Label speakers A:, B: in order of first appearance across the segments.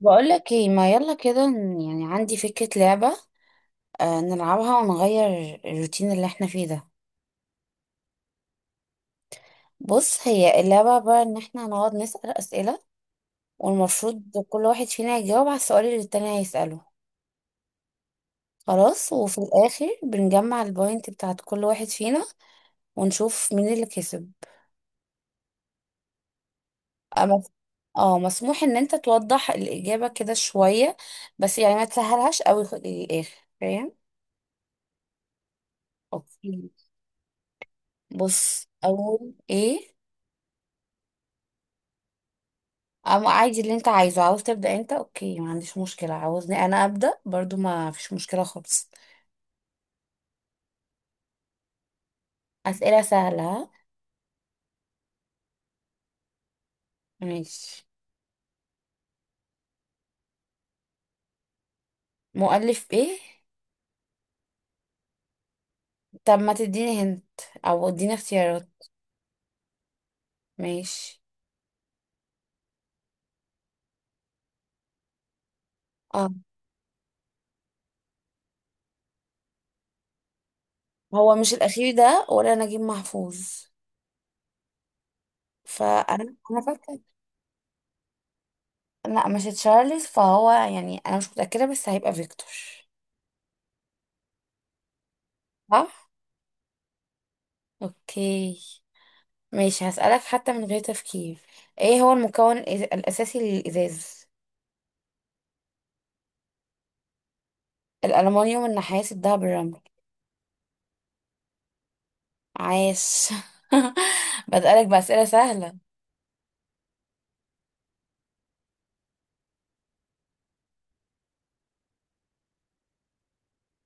A: بقولك ايه؟ ما يلا كده يعني عندي فكرة لعبة. آه، نلعبها ونغير الروتين اللي احنا فيه ده. بص، هي اللعبة عبارة ان احنا هنقعد نسأل أسئلة، والمفروض كل واحد فينا يجاوب على السؤال اللي التاني هيسأله. خلاص، وفي الآخر بنجمع البوينت بتاعت كل واحد فينا ونشوف مين اللي كسب. أما اه، مسموح ان انت توضح الإجابة كده شوية، بس يعني ما تسهلهاش قوي للآخر، فاهم؟ اوكي. بص اول ايه. أما عادي، اللي انت عايزه، عاوز تبدأ انت اوكي، ما عنديش مشكلة، عاوزني انا أبدأ برضو ما فيش مشكلة خالص. أسئلة سهلة ها؟ ماشي. مؤلف ايه؟ طب ما تديني هنت، او اديني اختيارات. ماشي. اه، هو مش الاخير ده ولا نجيب محفوظ؟ فانا فاكره. لا مش تشارلز، فهو يعني انا مش متأكدة بس هيبقى فيكتور. صح. اوكي. ماشي، هسألك حتى من غير تفكير. ايه هو المكون الاساسي للازاز؟ الألمنيوم، النحاس، الدهب، الرمل. عاش. بسألك بأسئلة سهلة.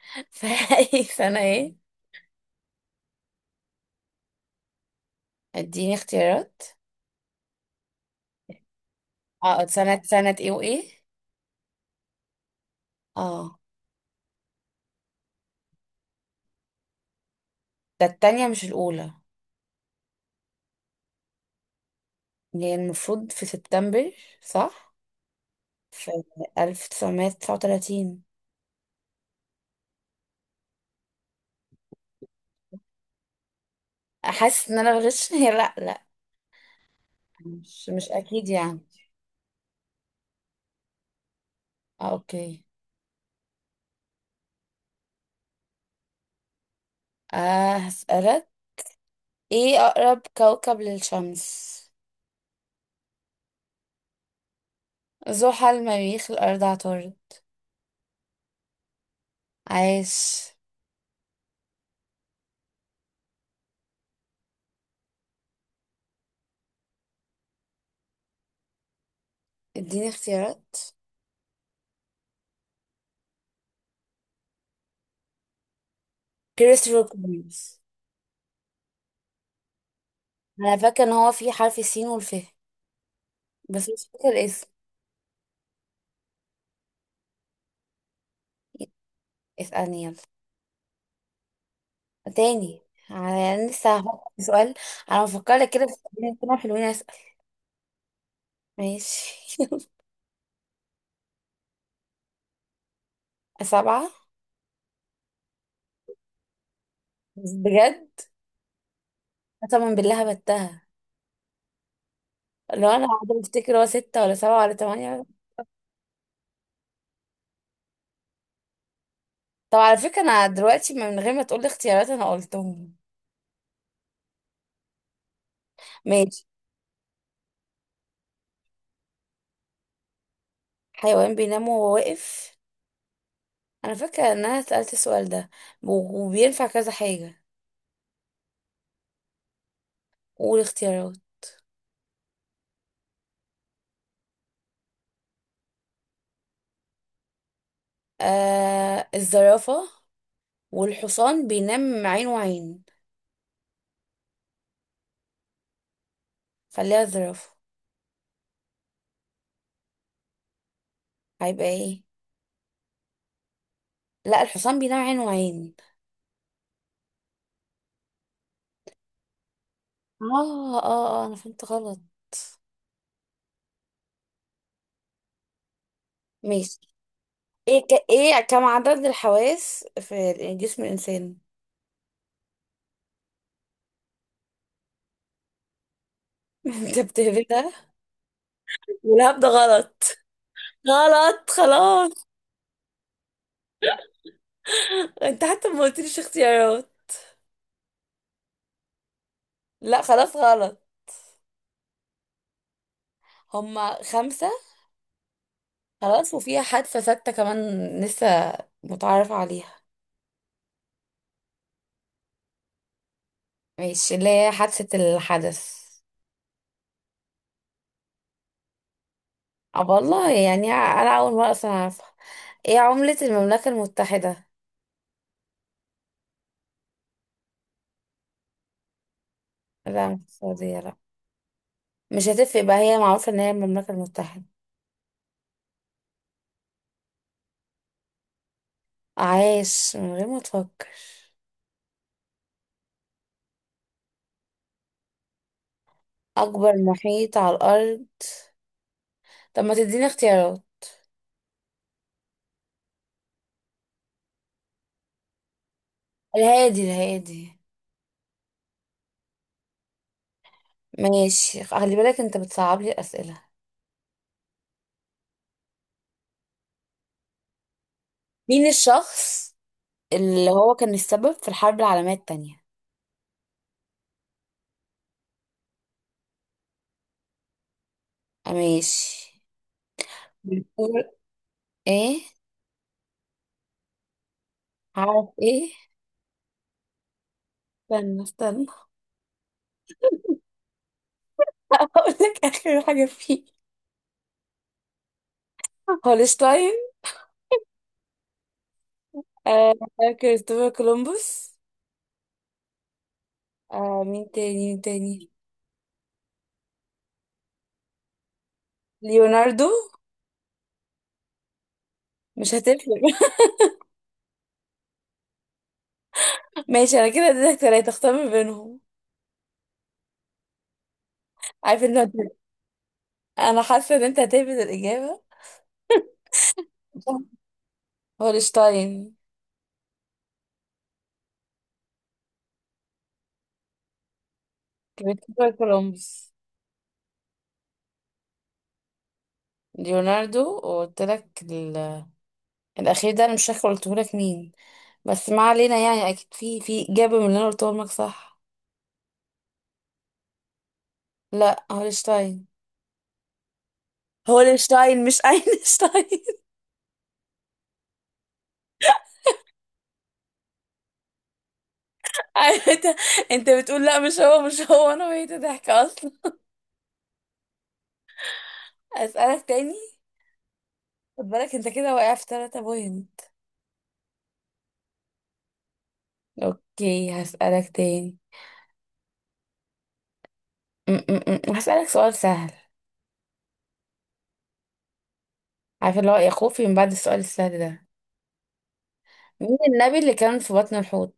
A: فأي سنة ايه؟ اديني اختيارات. اه سنة ايه وايه؟ اه، ده التانية مش الأولى. يعني المفروض في سبتمبر، صح؟ في 1939. حاسس ان انا بغش؟ هي لا، مش اكيد يعني. آه اوكي. آه هسألك، ايه أقرب كوكب للشمس؟ زحل، مريخ، الأرض، عطارد. عاش. اديني اختيارات. كريستوفر كولومبوس. انا فاكره ان هو في حرف السين والف، بس مش فاكره الاسم. اسألني يلا. تاني، انا لسه هفكر في سؤال. انا بفكر لك كده، بس خلينا كده حلوين، اسأل. ماشي. سبعة. بس بجد، قسما بالله بتها، لو انا قاعدة بفتكر هو ستة ولا سبعة ولا تمانية. طب على فكرة انا دلوقتي من غير ما تقولي اختيارات انا قلتهم. ماشي. حيوان بينام وهو واقف؟ انا فاكرة ان انا سألت السؤال ده، و- وبينفع كذا حاجة. قول اختيارات. آه، الزرافة. والحصان بينام عين وعين. خليها الزرافة. هيبقى ايه؟ لا، الحصان بينام عين وعين. اه اه اه، انا فهمت غلط. ماشي. ايه كم عدد الحواس في جسم الانسان؟ انت بتهبدها، والهبد ده غلط. غلط خلاص. انت حتى ما قلتليش اختيارات. لا خلاص غلط. هما خمسة. خلاص، وفيها حادثة ستة كمان لسه متعرف عليها. ماشي، اللي هي حادثة الحدث. اه والله، يعني انا اول مرة اصلا اعرفها. ايه عملة المملكة المتحدة؟ لا مش السعودية، لا. مش هتفرق بقى، هي معروفة ان هي المملكة المتحدة. عايش من غير ما تفكر. اكبر محيط على الارض؟ طب ما تديني اختيارات. الهادي، الهادي. ماشي، خلي بالك انت بتصعب لي الاسئلة. مين الشخص اللي هو كان السبب في الحرب العالمية التانية؟ ماشي. بنقول ايه؟ عارف ايه. استنى استنى، هقول لك اخر حاجه فيه. هولشتاين، آه، كريستوفر كولومبوس، آه مين تاني مين تاني، ليوناردو. مش هتفرق. ماشي، انا كده اديتك ثلاثه اختار ما بينهم. عارف ان انت، انا حاسه ان انت هتهبد الاجابه. هولشتاين. كريستوفر كولومبوس. ليوناردو. وقلت لك الاخير ده انا مش فاكره قلته لك مين، بس ما علينا يعني اكيد في اجابه من اللي انا قلتهم لك، صح؟ لا، هولشتاين. هولشتاين مش اينشتاين. عارف انت، انت بتقول لا مش هو مش هو، انا بقيت ضحك اصلا. اسالك تاني. خد بالك انت كده واقع في ثلاثة بوينت. اوكي هسالك تاني. هسالك سؤال سهل. عارفه اللي هو يا خوفي من بعد السؤال السهل ده. مين النبي اللي كان في بطن الحوت؟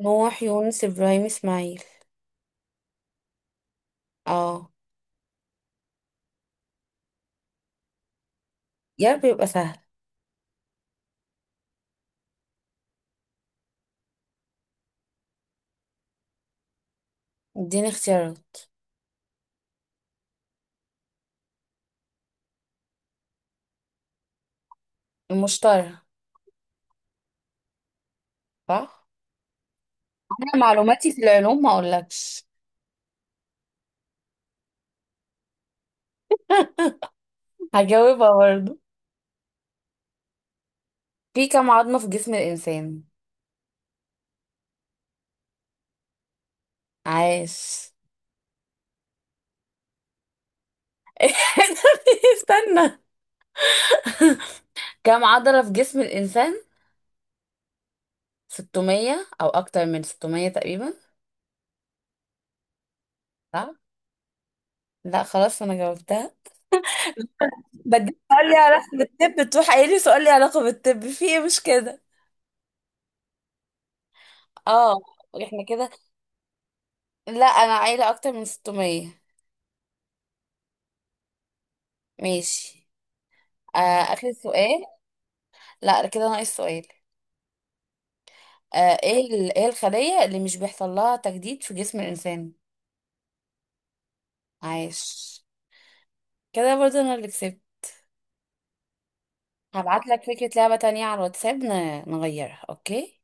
A: نوح، يونس، ابراهيم، اسماعيل. اه. يا رب يبقى سهل. اديني اختيارات. المشتري. صح. انا معلوماتي في العلوم ما اقولكش. هجاوبها برضه. في كم عظمة في جسم الانسان؟ عاش. استنى، كم عضلة في جسم الإنسان؟ 600 أو أكتر من 600 تقريبا، صح؟ لا خلاص أنا جاوبتها. بدي سؤال لي علاقة بالطب، تروح قايلي سؤال لي علاقة بالطب في إيه، مش كده؟ اه. احنا كده. لا أنا عايلة أكتر من 600. ماشي. آه، آخر سؤال. لا كده ناقص سؤال. آه إيه إيه الخلية اللي مش بيحصل لها تجديد في جسم الإنسان؟ عايش. كده برضه أنا اللي كسبت. هبعت لك فكرة لعبة تانية على الواتساب، نغيرها اوكي؟